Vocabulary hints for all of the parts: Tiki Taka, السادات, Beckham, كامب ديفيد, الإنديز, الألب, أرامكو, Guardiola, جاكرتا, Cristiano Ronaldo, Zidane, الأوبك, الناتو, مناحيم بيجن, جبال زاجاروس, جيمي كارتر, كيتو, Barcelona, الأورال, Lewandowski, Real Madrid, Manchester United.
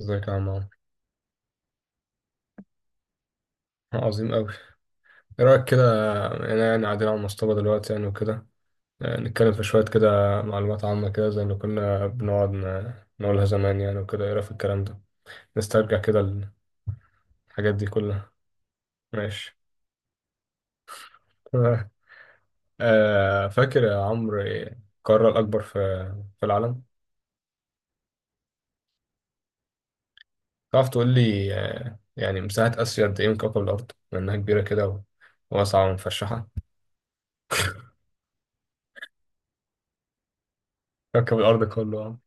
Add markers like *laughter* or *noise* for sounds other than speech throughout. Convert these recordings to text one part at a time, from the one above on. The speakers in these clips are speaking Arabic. ازيك يا عم عمرو. آه، عظيم أوي. ايه رأيك كده؟ انا يعني قاعدين على المصطبة دلوقتي يعني وكده. نتكلم في شوية كده معلومات عامة كده زي اللي كنا بنقعد نقولها زمان يعني وكده. ايه رأيك في الكلام ده؟ نسترجع كده الحاجات دي كلها. ماشي. *laughs* فاكر يا عمرو إيه القارة الأكبر في العالم؟ تعرف تقول لي يعني مساحة آسيا قد ايه من كوكب الأرض، لأنها كبيرة كده وواسعة ومفشحة؟ *laughs* كوكب الأرض كله.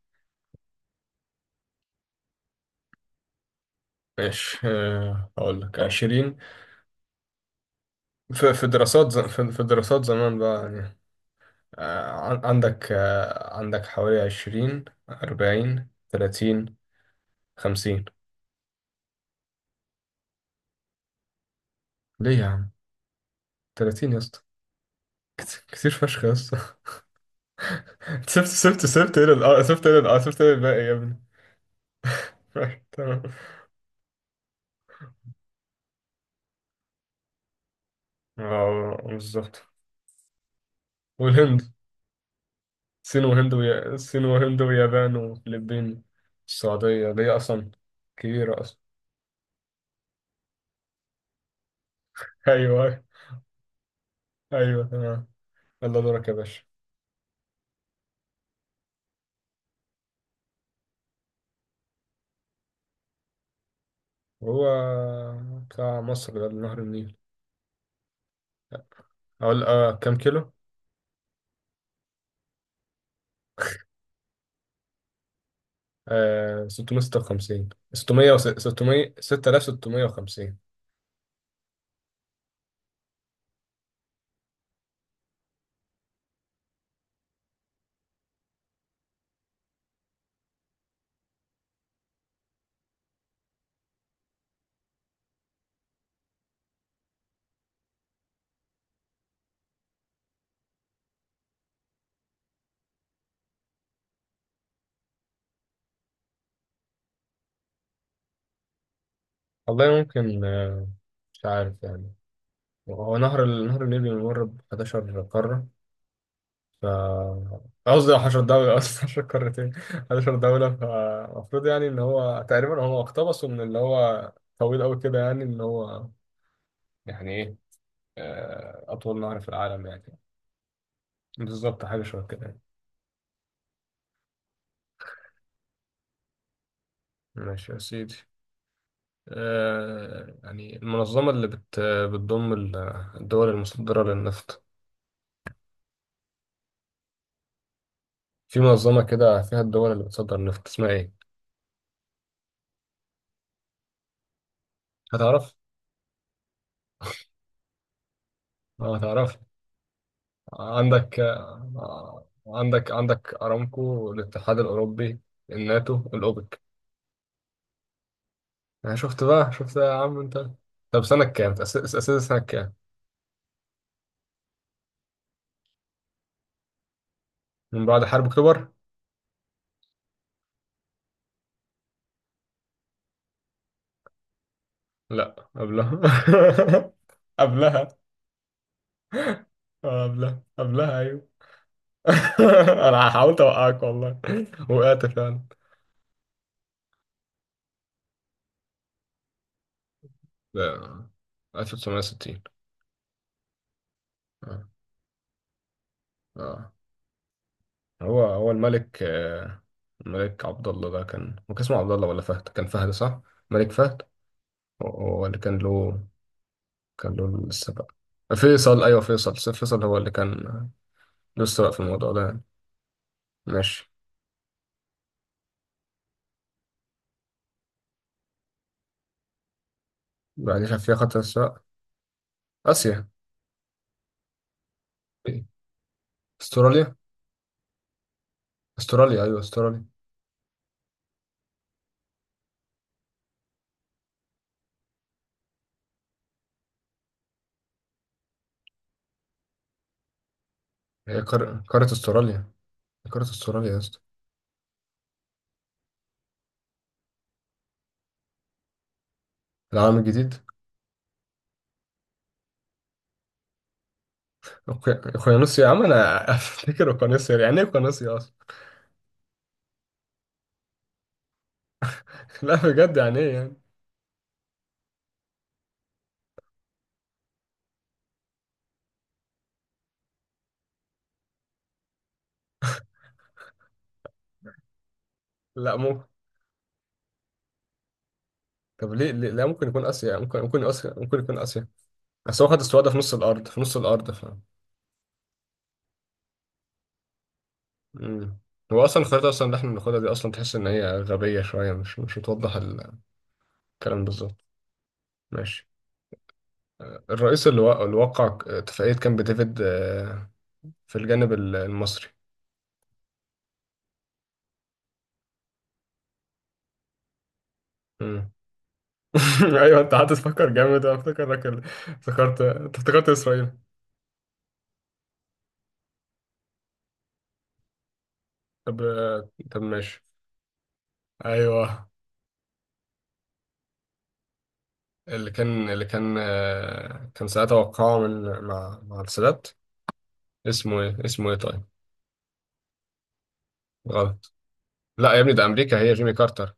ماشي، هقول لك عشرين. في دراسات زمان بقى يعني. عندك حوالي عشرين أربعين تلاتين خمسين. ليه يا عم؟ تلاتين يا اسطى. كتير فشخ يا اسطى. *laughs* سبت ايه الباقي يا ابني؟ *laughs* ماشي، تمام. اه، بالظبط. والهند. الصين وهند ويابان وفلبين. السعودية دي أصلا كبيرة أصلا. *laughs* أيوه. أيوه، تمام. يلا دورك يا باشا. هو بتاع مصر ده نهر النيل. أقول كام كيلو؟ 656 600 600 6650. والله ممكن، آه. مش عارف يعني. هو نهر نهر النيل بيمر ب 11 قارة ف قصدي 10 دولة قصدي، *laughs* 10 قارتين، 11 دولة، فالمفروض يعني إن هو تقريبا هو اقتبسه من اللي هو طويل أوي كده، يعني إن هو يعني إيه أطول نهر في العالم يعني. بالظبط، حاجة شبه كده يعني. ماشي يا سيدي. يعني المنظمة اللي بتضم الدول المصدرة للنفط، في منظمة كده فيها الدول اللي بتصدر النفط اسمها إيه؟ هتعرف؟ هتعرف. عندك آه، عندك عندك أرامكو، الاتحاد الأوروبي، الناتو، الأوبك. يعني شفت بقى شفت يا عم أنت. طب سنة كام؟ تأسست سنة كام؟ من بعد حرب أكتوبر؟ لأ، قبلها. *laughs* قبلها. قبلها، قبلها، أيوه. *laughs* أنا حاولت أوقعك والله. وقعت فعلا. لا. 1960. اه. اه. هو الملك الملك عبد الله ده، كان هو كان اسمه عبد الله ولا فهد؟ كان فهد صح. ملك فهد. هو اللي كان له. كان له السبق. فيصل، ايوه، فيصل هو اللي كان له السبق في الموضوع ده يعني. ماشي. بعد كده في خط السبق. اسيا. إيه؟ استراليا. استراليا، ايوه، استراليا. هي قارة استراليا. هي قارة استراليا يا اسطى. العالم الجديد. اوقيانوسيا يا عم انا. *laughs* افتكر اوقيانوسيا، يعني ايه اوقيانوسيا اصلا؟ *laughs* لا بجد، يعني ايه يعني. لا، ممكن. طب ليه، لا ممكن يكون اسيا؟ يعني ممكن اسيا، ممكن يكون اسيا. بس هو خد استوادة في نص الارض مم. هو اصلا الخريطة اصلا اللي احنا بناخدها دي اصلا، تحس ان هي غبية شوية، مش بتوضح الكلام. بالظبط. ماشي. الرئيس اللي وقع اتفاقية كامب ديفيد في الجانب المصري. مم. *laughs* ايوه، انت قعدت تفكر جامد، انا افتكرت أنت افتكرت اسرائيل. طب ماشي. ايوه. اللي كان كان ساعتها وقعه من مع مع السادات. اسمه ايه طيب؟ غلط. لا يا ابني، ده امريكا هي جيمي كارتر.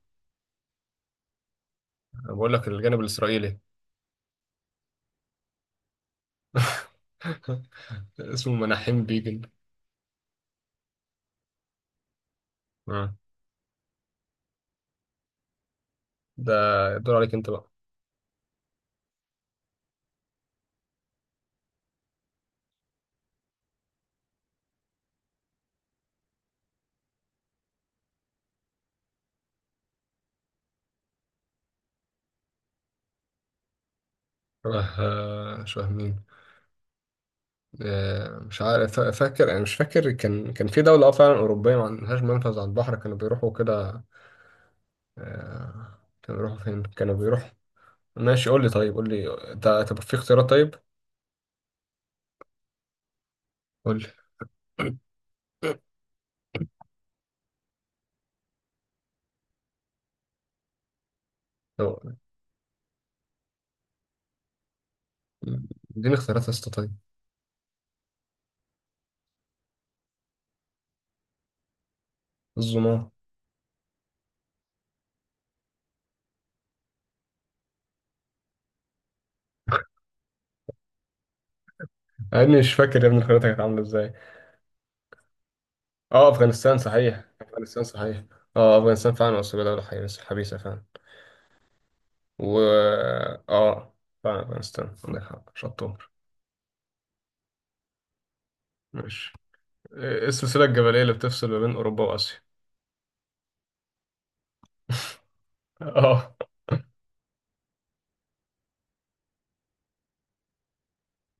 انا بقول لك الجانب الاسرائيلي. *laughs* اسمه مناحيم بيجن. آه. ده الدور عليك انت بقى. شبه مين؟ مش عارف. فا- فاكر انا مش فاكر، كان في دوله، اه فعلا اوروبيه، ما عندهاش منفذ على البحر، كانوا بيروحوا كده. كانوا بيروحوا فين كانوا بيروحوا ماشي، قول لي طيب، قول لي. انت؟ طب في اختيارات طيب؟ قول لي. *coughs* اديني اختيارات يا اسطى طيب. الظلام. يا ابني مش فاكر، يا ابني الخريطه كانت عامله ازاي. اه، افغانستان صحيح، افغانستان صحيح. اه، افغانستان فعلا، اصل دوله حبيسه، حبيسه فعلا. و اه، فعلا افغانستان، عندك حق شطور. ماشي. ايه السلسله الجبليه اللي بتفصل ما بين اوروبا واسيا؟ *laughs* اه.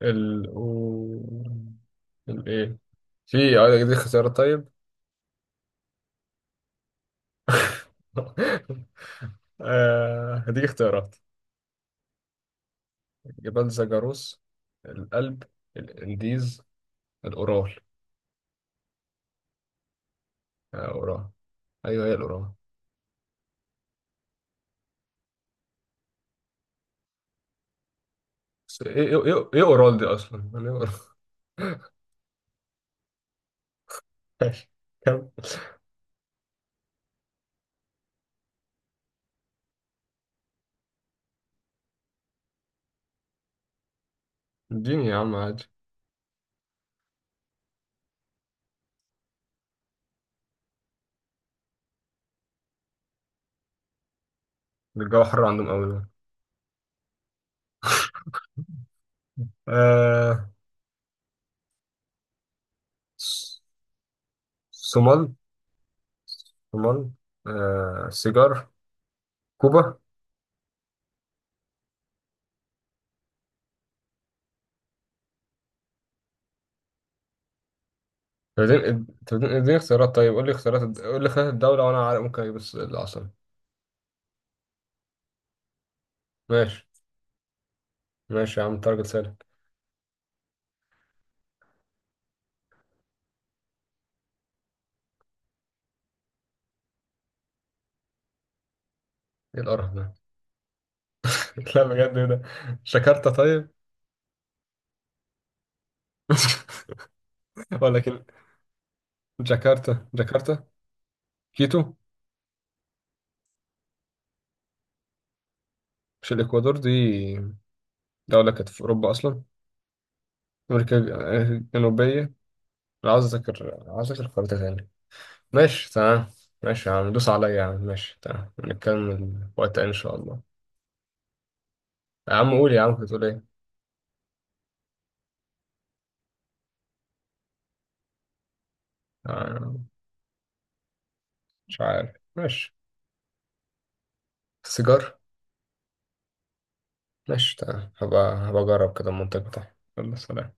ال و... ال ايه؟ في دي اختيارات طيب؟ *laughs* هديك اختيارات. جبال زاجاروس، الألب، الإنديز، الأورال. قرعة. أيوه، هي القرعة. بس إيه قرال دي أصلا؟ *laughs* يعني إيه قرال؟ *laughs* ماشي. كم. اديني يا عم عادي. ده الجو حر عندهم أوي ده. آه. س- صومال. صومال. سيجار. كوبا. اديني اديني اختيارات طيب، قول لي خيارات الدولة وأنا عارف ممكن أجيب العاصمة. ماشي. ماشي يا عم انت راجل سالك. إيه القرف ده؟ *laughs* لا بجد، إيه ده؟ جاكرتا طيب؟ *laughs* ولكن جاكرتا، جاكرتا. كيتو. مش الإكوادور دي؟ دولة كانت في أوروبا أصلا. أمريكا الجنوبية. لا، عاوز أذاكر، عاوز أذاكر خريطة تاني. ماشي تمام. ماشي يا عم دوس عليا يا عم، ماشي تمام، نكمل وقت تاني إن شاء الله. يا عم قول، يا عم كنت بتقول إيه؟ آه، مش عارف ماشي. السيجار. ماشي تمام، هبقى أجرب كده المنطق بتاعي. يلا سلام.